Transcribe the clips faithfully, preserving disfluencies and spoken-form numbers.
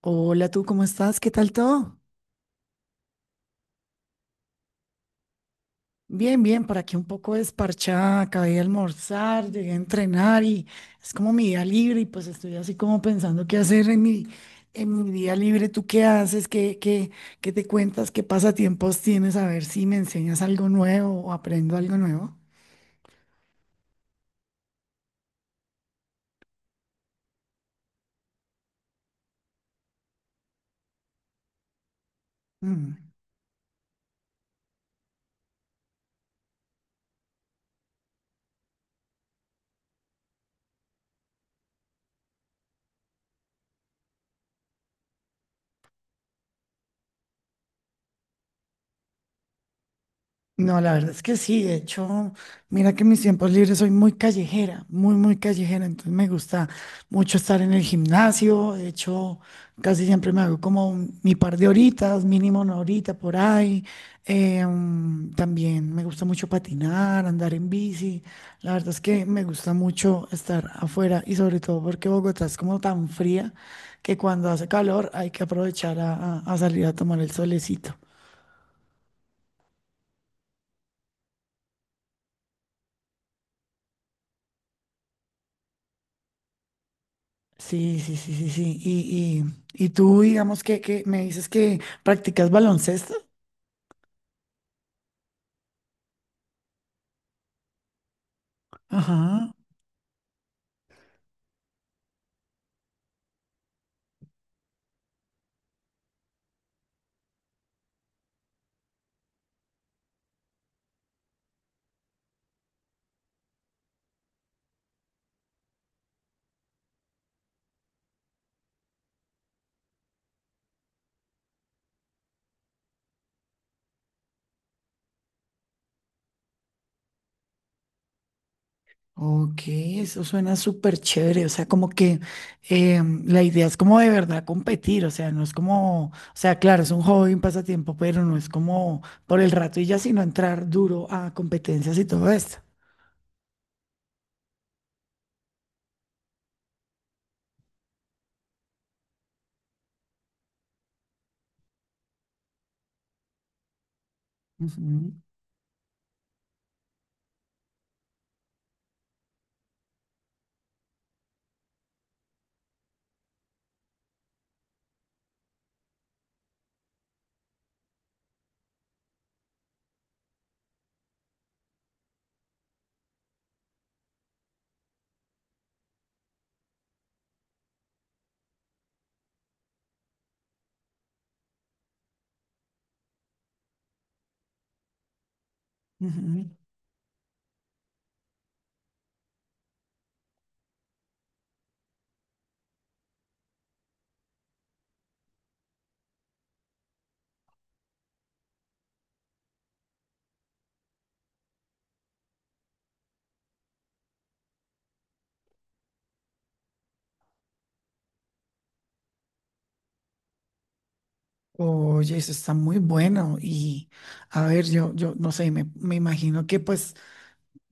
Hola, ¿tú cómo estás? ¿Qué tal todo? Bien, bien, por aquí un poco desparchada, acabé de almorzar, llegué a entrenar y es como mi día libre y pues estoy así como pensando qué hacer en mi, en mi día libre. ¿Tú qué haces? ¿Qué, qué, qué te cuentas? ¿Qué pasatiempos tienes? A ver si me enseñas algo nuevo o aprendo algo nuevo. Mm. No, la verdad es que sí, de hecho, mira que en mis tiempos libres soy muy callejera, muy, muy callejera, entonces me gusta mucho estar en el gimnasio, de hecho, casi siempre me hago como un- mi par de horitas, mínimo una horita por ahí. Eh, mm, también me gusta mucho patinar, andar en bici. La verdad es que me gusta mucho estar afuera y sobre todo porque Bogotá es como tan fría que cuando hace calor hay que aprovechar a a- a salir a tomar el solecito. Sí, sí, sí, sí, sí. Y, y, y tú, digamos que, que me dices que practicas baloncesto. Ajá. Ok, eso suena súper chévere. O sea, como que em, la idea es como de verdad competir. O sea, no es como, o sea, claro, es un hobby, un pasatiempo, pero no es como por el rato y ya, sino entrar duro a competencias y todo esto. Ujú, ujú. Oye, eso está muy bueno. Y a ver, yo, yo no sé, me, me imagino que pues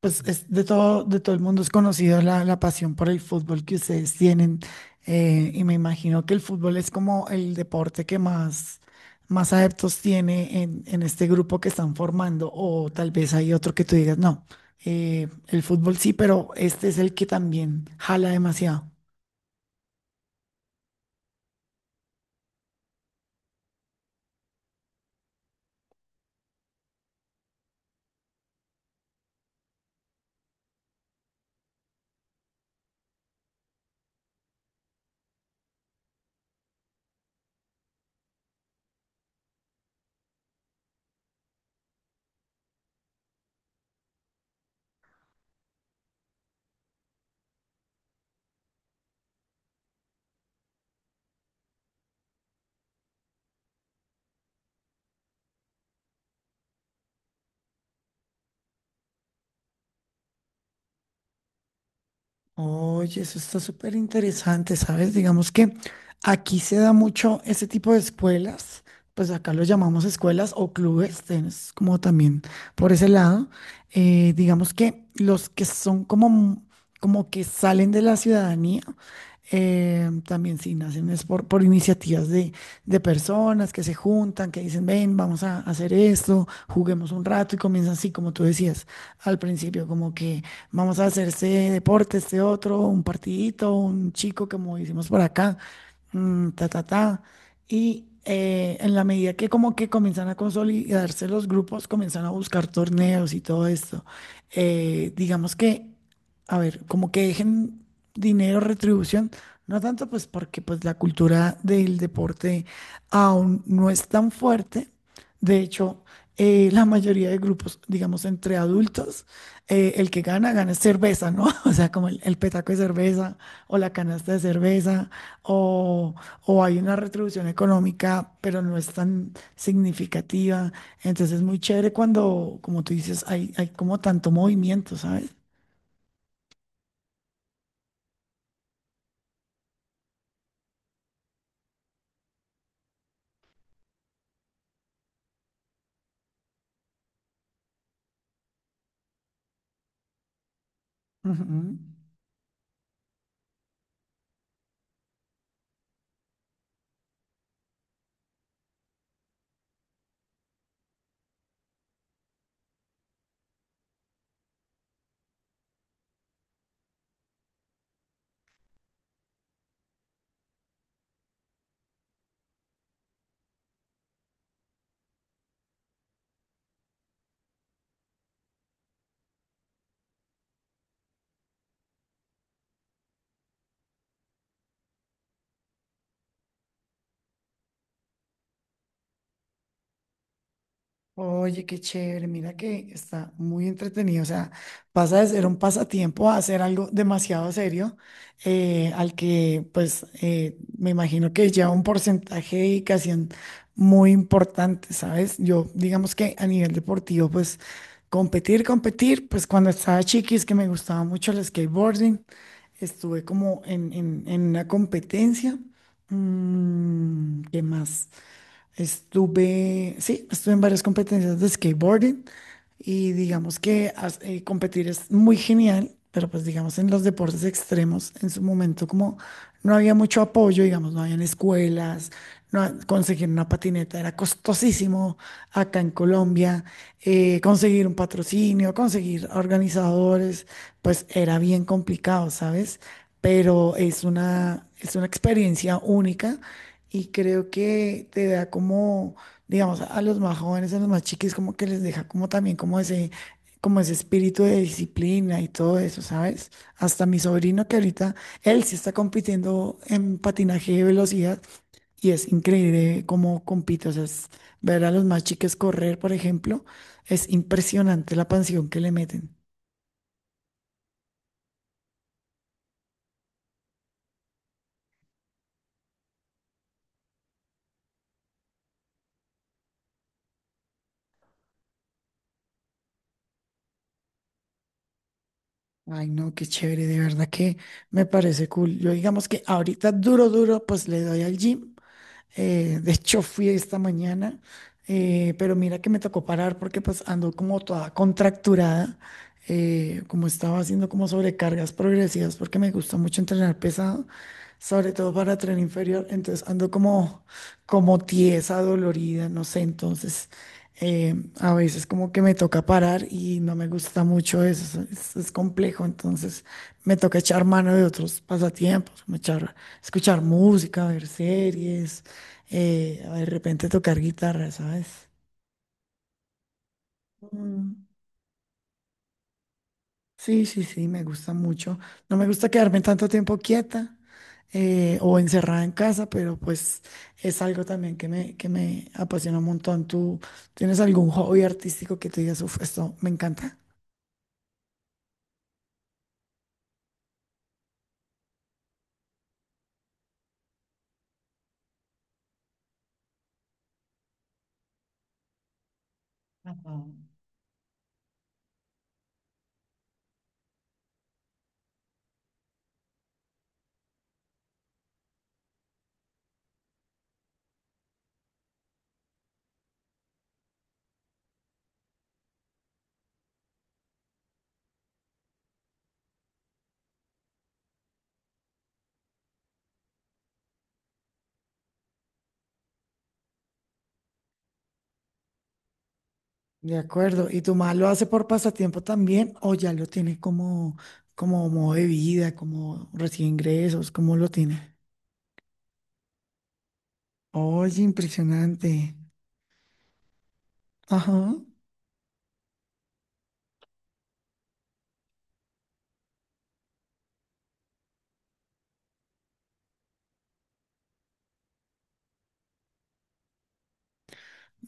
pues es de todo, de todo el mundo es conocido la, la pasión por el fútbol que ustedes tienen. Eh, y me imagino que el fútbol es como el deporte que más, más adeptos tiene en, en este grupo que están formando. O tal vez hay otro que tú digas, no, eh, el fútbol sí, pero este es el que también jala demasiado. Oye, eso está súper interesante, ¿sabes? Digamos que aquí se da mucho ese tipo de escuelas, pues acá lo llamamos escuelas o clubes, tienes como también por ese lado. Eh, digamos que los que son como, m- como que salen de la ciudadanía, eh, también sí nacen es por, por iniciativas de, de personas que se juntan, que dicen, ven, vamos a hacer esto, juguemos un rato y comienzan así, como tú decías al principio, como que vamos a hacer este deporte, este otro, un partidito, un chico como hicimos por acá, mm, ta, ta, ta. Y eh, en la medida que como que comienzan a consolidarse los grupos, comienzan a buscar torneos y todo esto. Eh, digamos que, a ver, como que dejen dinero, retribución, no tanto pues porque pues la cultura del deporte aún no es tan fuerte. De hecho, eh, la mayoría de grupos, digamos, entre adultos, eh, el que gana, gana cerveza, ¿no? O sea, como el, el petaco de cerveza o la canasta de cerveza o, o hay una retribución económica, pero no es tan significativa. Entonces es muy chévere cuando, como tú dices, hay, hay como tanto movimiento, ¿sabes? Ujú. Oye, qué chévere, mira que está muy entretenido, o sea, pasa de ser un pasatiempo a hacer algo demasiado serio, eh, al que pues eh, me imagino que lleva un porcentaje de dedicación muy importante, ¿sabes? Yo digamos que a nivel deportivo, pues competir, competir, pues cuando estaba chiqui es que me gustaba mucho el skateboarding, estuve como en, en, en una competencia. Mm, ¿qué más? Estuve, sí, estuve en varias competencias de skateboarding y digamos que as- eh, competir es muy genial, pero pues digamos en los deportes extremos, en su momento como no había mucho apoyo, digamos, no habían escuelas, no, ha- conseguir una patineta era costosísimo acá en Colombia, eh, conseguir un patrocinio, conseguir organizadores, pues era bien complicado, ¿sabes? Pero es una, es una experiencia única y creo que te da como, digamos, a los más jóvenes, a los más chiquis, como que les deja como también como ese, como ese espíritu de disciplina y todo eso, ¿sabes? Hasta mi sobrino que ahorita, él sí está compitiendo en patinaje de velocidad y es increíble cómo compite. O sea, es ver a los más chiques correr, por ejemplo, es impresionante la pasión que le meten. Ay, no, qué chévere, de verdad que me parece cool. Yo digamos que ahorita duro, duro, pues le doy al gym. Eh, de hecho, fui esta mañana, eh, pero mira que me tocó parar porque pues ando como toda contracturada, eh, como estaba haciendo como sobrecargas progresivas porque me gusta mucho entrenar pesado, sobre todo para tren inferior, entonces ando como, como tiesa, dolorida, no sé, entonces eh, a veces como que me toca parar y no me gusta mucho eso, es, es complejo, entonces me toca echar mano de otros pasatiempos, como echar escuchar música, ver series, eh, de repente tocar guitarra, ¿sabes? Mm, sí, sí, sí, me gusta mucho. No me gusta quedarme tanto tiempo quieta eh, o encerrada en casa, pero pues es algo también que me, que me apasiona un montón. ¿Tú tienes algún hobby artístico que te digas, uff, esto me encanta? Ajá. De acuerdo. ¿Y tu mamá lo hace por pasatiempo también o ya lo tiene como, como modo de vida, como recibe ingresos? ¿Cómo lo tiene? Oye, impresionante. Ajá.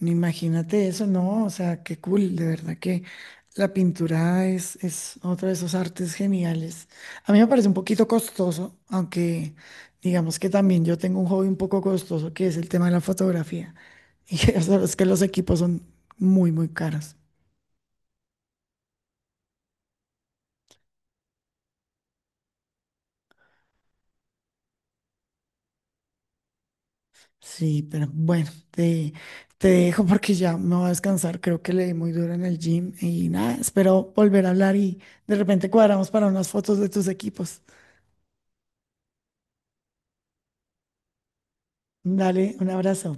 Imagínate eso, ¿no? O sea, qué cool, de verdad que la pintura es, es otro de esos artes geniales. A mí me parece un poquito costoso, aunque digamos que también yo tengo un hobby un poco costoso, que es el tema de la fotografía. Y que, o que los equipos son muy, muy caros. Sí, pero bueno, te, te dejo porque ya me voy a descansar. Creo que le di muy duro en el gym y nada, espero volver a hablar y de repente cuadramos para unas fotos de tus equipos. Dale, un abrazo.